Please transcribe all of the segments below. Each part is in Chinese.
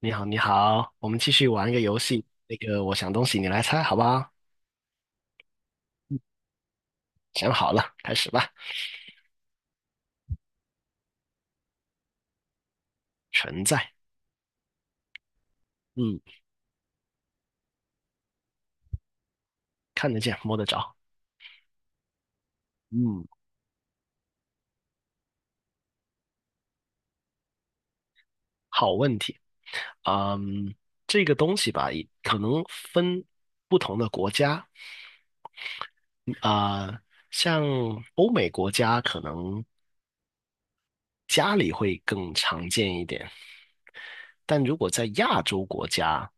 你好，你好，我们继续玩一个游戏。那个，我想东西，你来猜，好不好？想好了，开始吧。存在。嗯。看得见，摸得着。嗯。好问题。嗯，这个东西吧，也可能分不同的国家啊，像欧美国家可能家里会更常见一点，但如果在亚洲国家，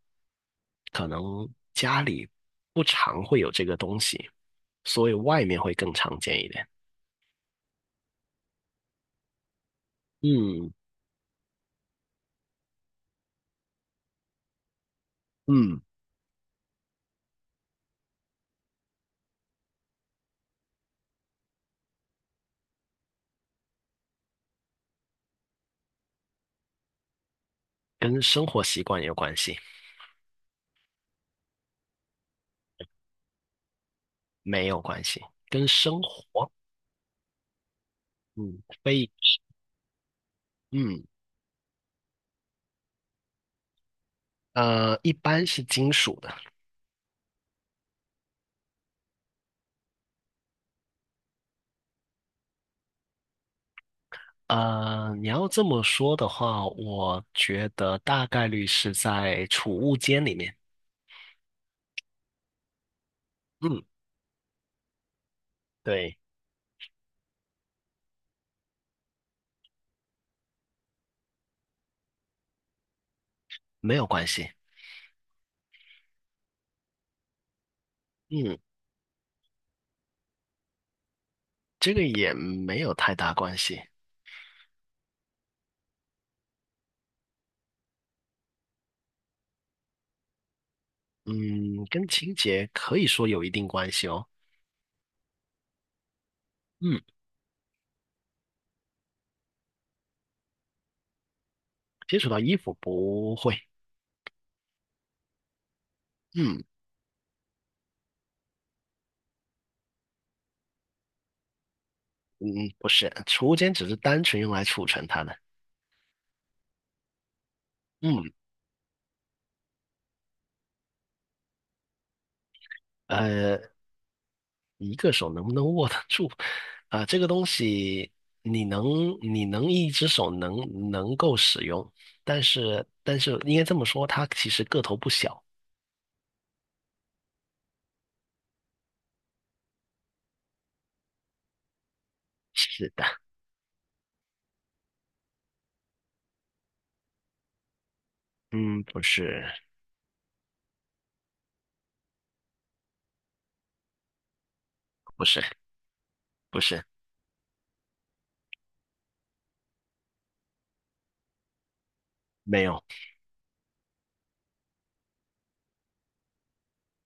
可能家里不常会有这个东西，所以外面会更常见一点。嗯嗯，跟生活习惯有关系。没有关系。跟生活，嗯，非，嗯呃，一般是金属的。你要这么说的话，我觉得大概率是在储物间里面。嗯，对。没有关系。嗯，这个也没有太大关系。嗯，跟清洁可以说有一定关系哦。嗯。接触到衣服不会。嗯嗯。不是，储物间只是单纯用来储存它的。嗯，呃，一个手能不能握得住？啊、这个东西你能你能一只手能够使用，但是应该这么说，它其实个头不小。是的。嗯，不是不是不是。没有。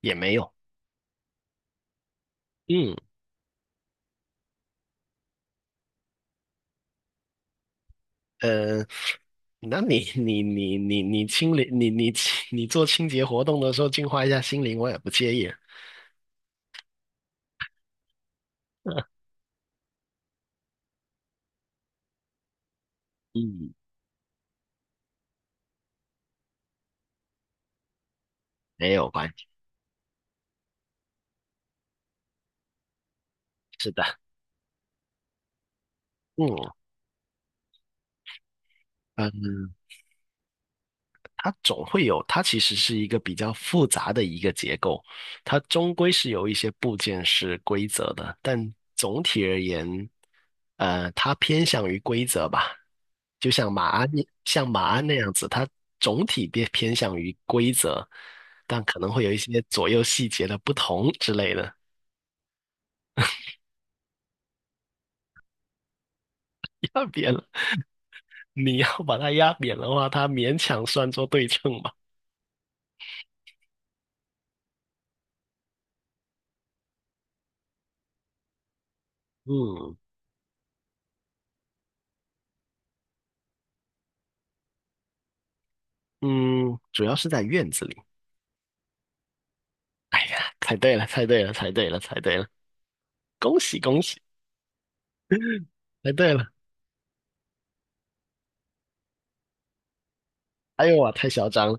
也没有。嗯，呃。那你清理你做清洁活动的时候净化一下心灵，我也不介意。嗯，没有关系。是的。嗯嗯。它总会有，它其实是一个比较复杂的一个结构，它终归是有一些部件是规则的，但总体而言，它偏向于规则吧，就像马鞍像马鞍那样子，它总体偏向于规则，但可能会有一些左右细节的不同之类的。压扁了。你要把它压扁的话，它勉强算作对称吧。嗯嗯。主要是在院子里。哎呀，猜对了，猜对了，猜对了，猜对了，恭喜恭喜！猜对了！哎呦哇，太嚣张了。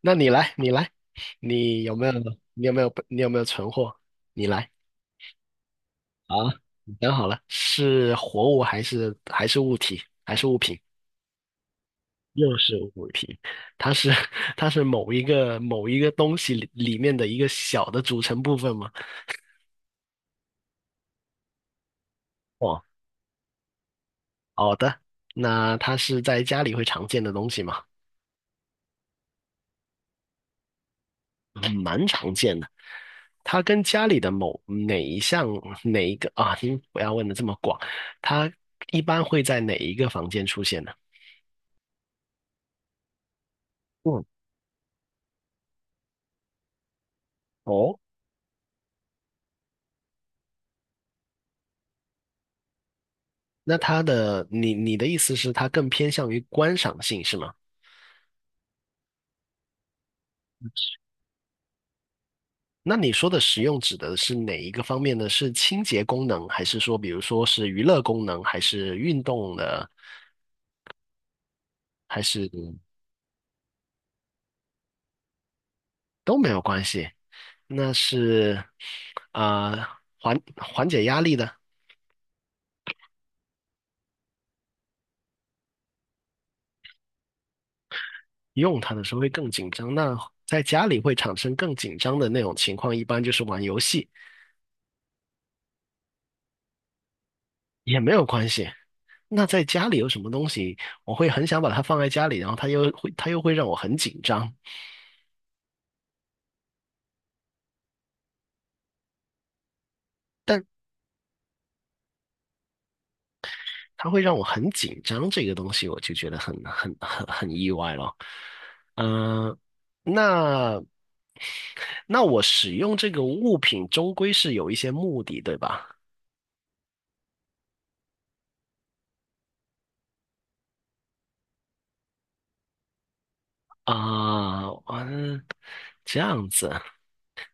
那你来，你来，你有没有，你有没有，你有没有存货？你来。啊，你想好了，是活物还是物体还是物品？又是物品。它是 它是某一个东西里面的一个小的组成部分吗？哦，好的。那它是在家里会常见的东西吗？嗯，蛮常见的。它跟家里的某哪一项哪一个啊？您不要问的这么广。它一般会在哪一个房间出现呢？嗯。哦。那它的你的意思是它更偏向于观赏性是吗？那你说的实用指的是哪一个方面呢？是清洁功能，还是说比如说是娱乐功能，还是运动的，还是都没有关系？那是啊、呃缓解压力的。用它的时候会更紧张。那在家里会产生更紧张的那种情况，一般就是玩游戏，也没有关系。那在家里有什么东西，我会很想把它放在家里，然后它又会让我很紧张。但它会让我很紧张这个东西，我就觉得很意外了。嗯、那我使用这个物品终归是有一些目的，对吧？啊，嗯，这样子。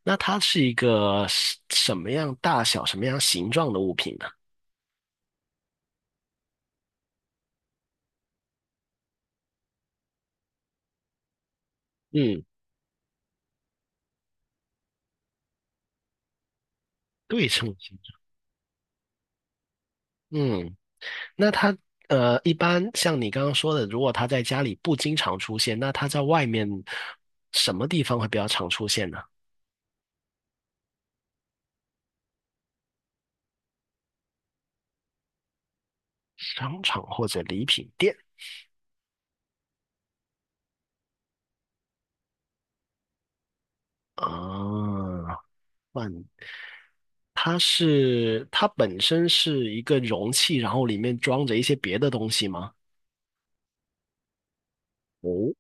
那它是一个什么样大小、什么样形状的物品呢？嗯，对称性。嗯，那它一般像你刚刚说的，如果它在家里不经常出现，那它在外面什么地方会比较常出现呢？商场或者礼品店啊？换它是它本身是一个容器，然后里面装着一些别的东西吗？哦。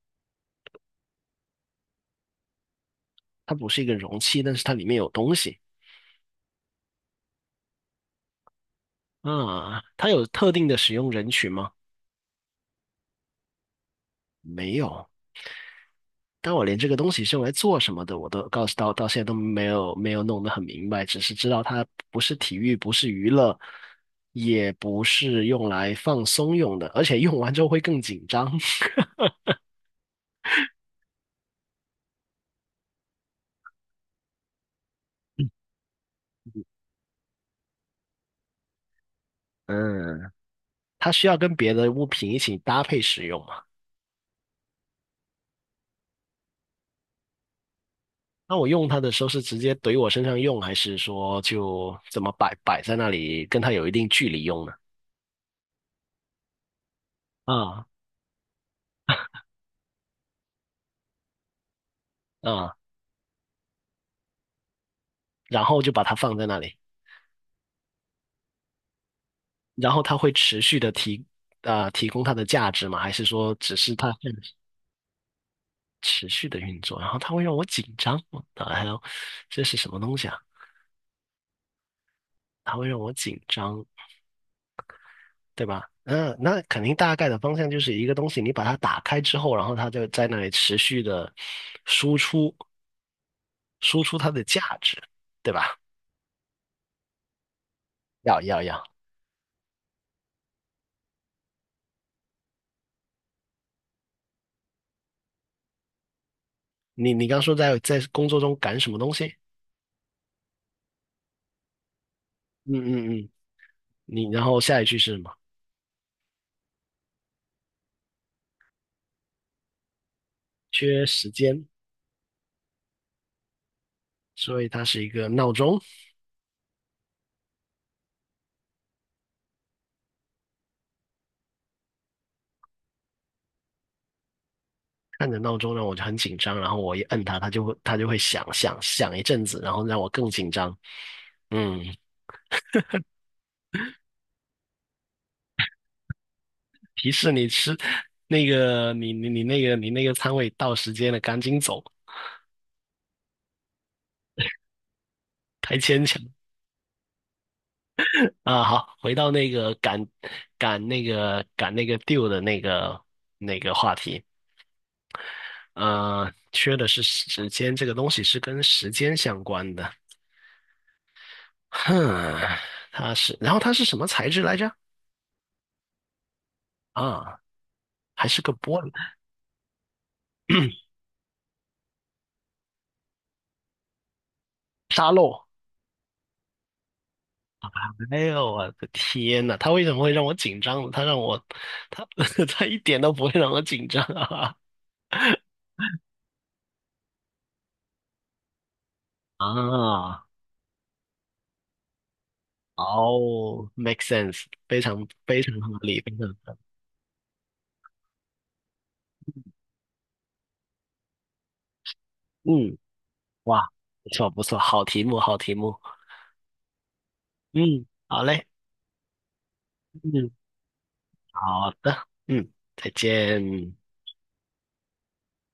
它不是一个容器，但是它里面有东西。啊，它有特定的使用人群吗？没有。但我连这个东西是用来做什么的，我都告诉到现在都没有弄得很明白，只是知道它不是体育，不是娱乐，也不是用来放松用的，而且用完之后会更紧张。嗯，它需要跟别的物品一起搭配使用嘛？那我用它的时候是直接怼我身上用，还是说就怎么摆在那里，跟它有一定距离用呢？啊啊，然后就把它放在那里。然后它会持续的提提供它的价值吗？还是说只是它会持续的运作？然后它会让我紧张。啊，还有这是什么东西啊？它会让我紧张，对吧？嗯，那肯定大概的方向就是一个东西，你把它打开之后，然后它就在那里持续的输出它的价值，对吧？要要要。你刚说在工作中赶什么东西？嗯嗯嗯。你然后下一句是什么？缺时间，所以它是一个闹钟。按着闹钟让我就很紧张，然后我一摁它，它就会响响响一阵子，然后让我更紧张。嗯，提示你吃那个你你你那个你那个餐位到时间了，赶紧走，太牵强。啊！好，回到那个赶那个 deal 的那个话题，缺的是时间，这个东西是跟时间相关的。哼。它是，然后它是什么材质来着？啊，还是个玻璃。 沙漏。哎呦，我的天呐，他为什么会让我紧张呢？他让我，他 他一点都不会让我紧张啊！啊。哦，make sense，非常非常合理，非常合理。嗯，哇，不错不错，好题目，好题目。嗯，好嘞。嗯，好的。嗯，再见。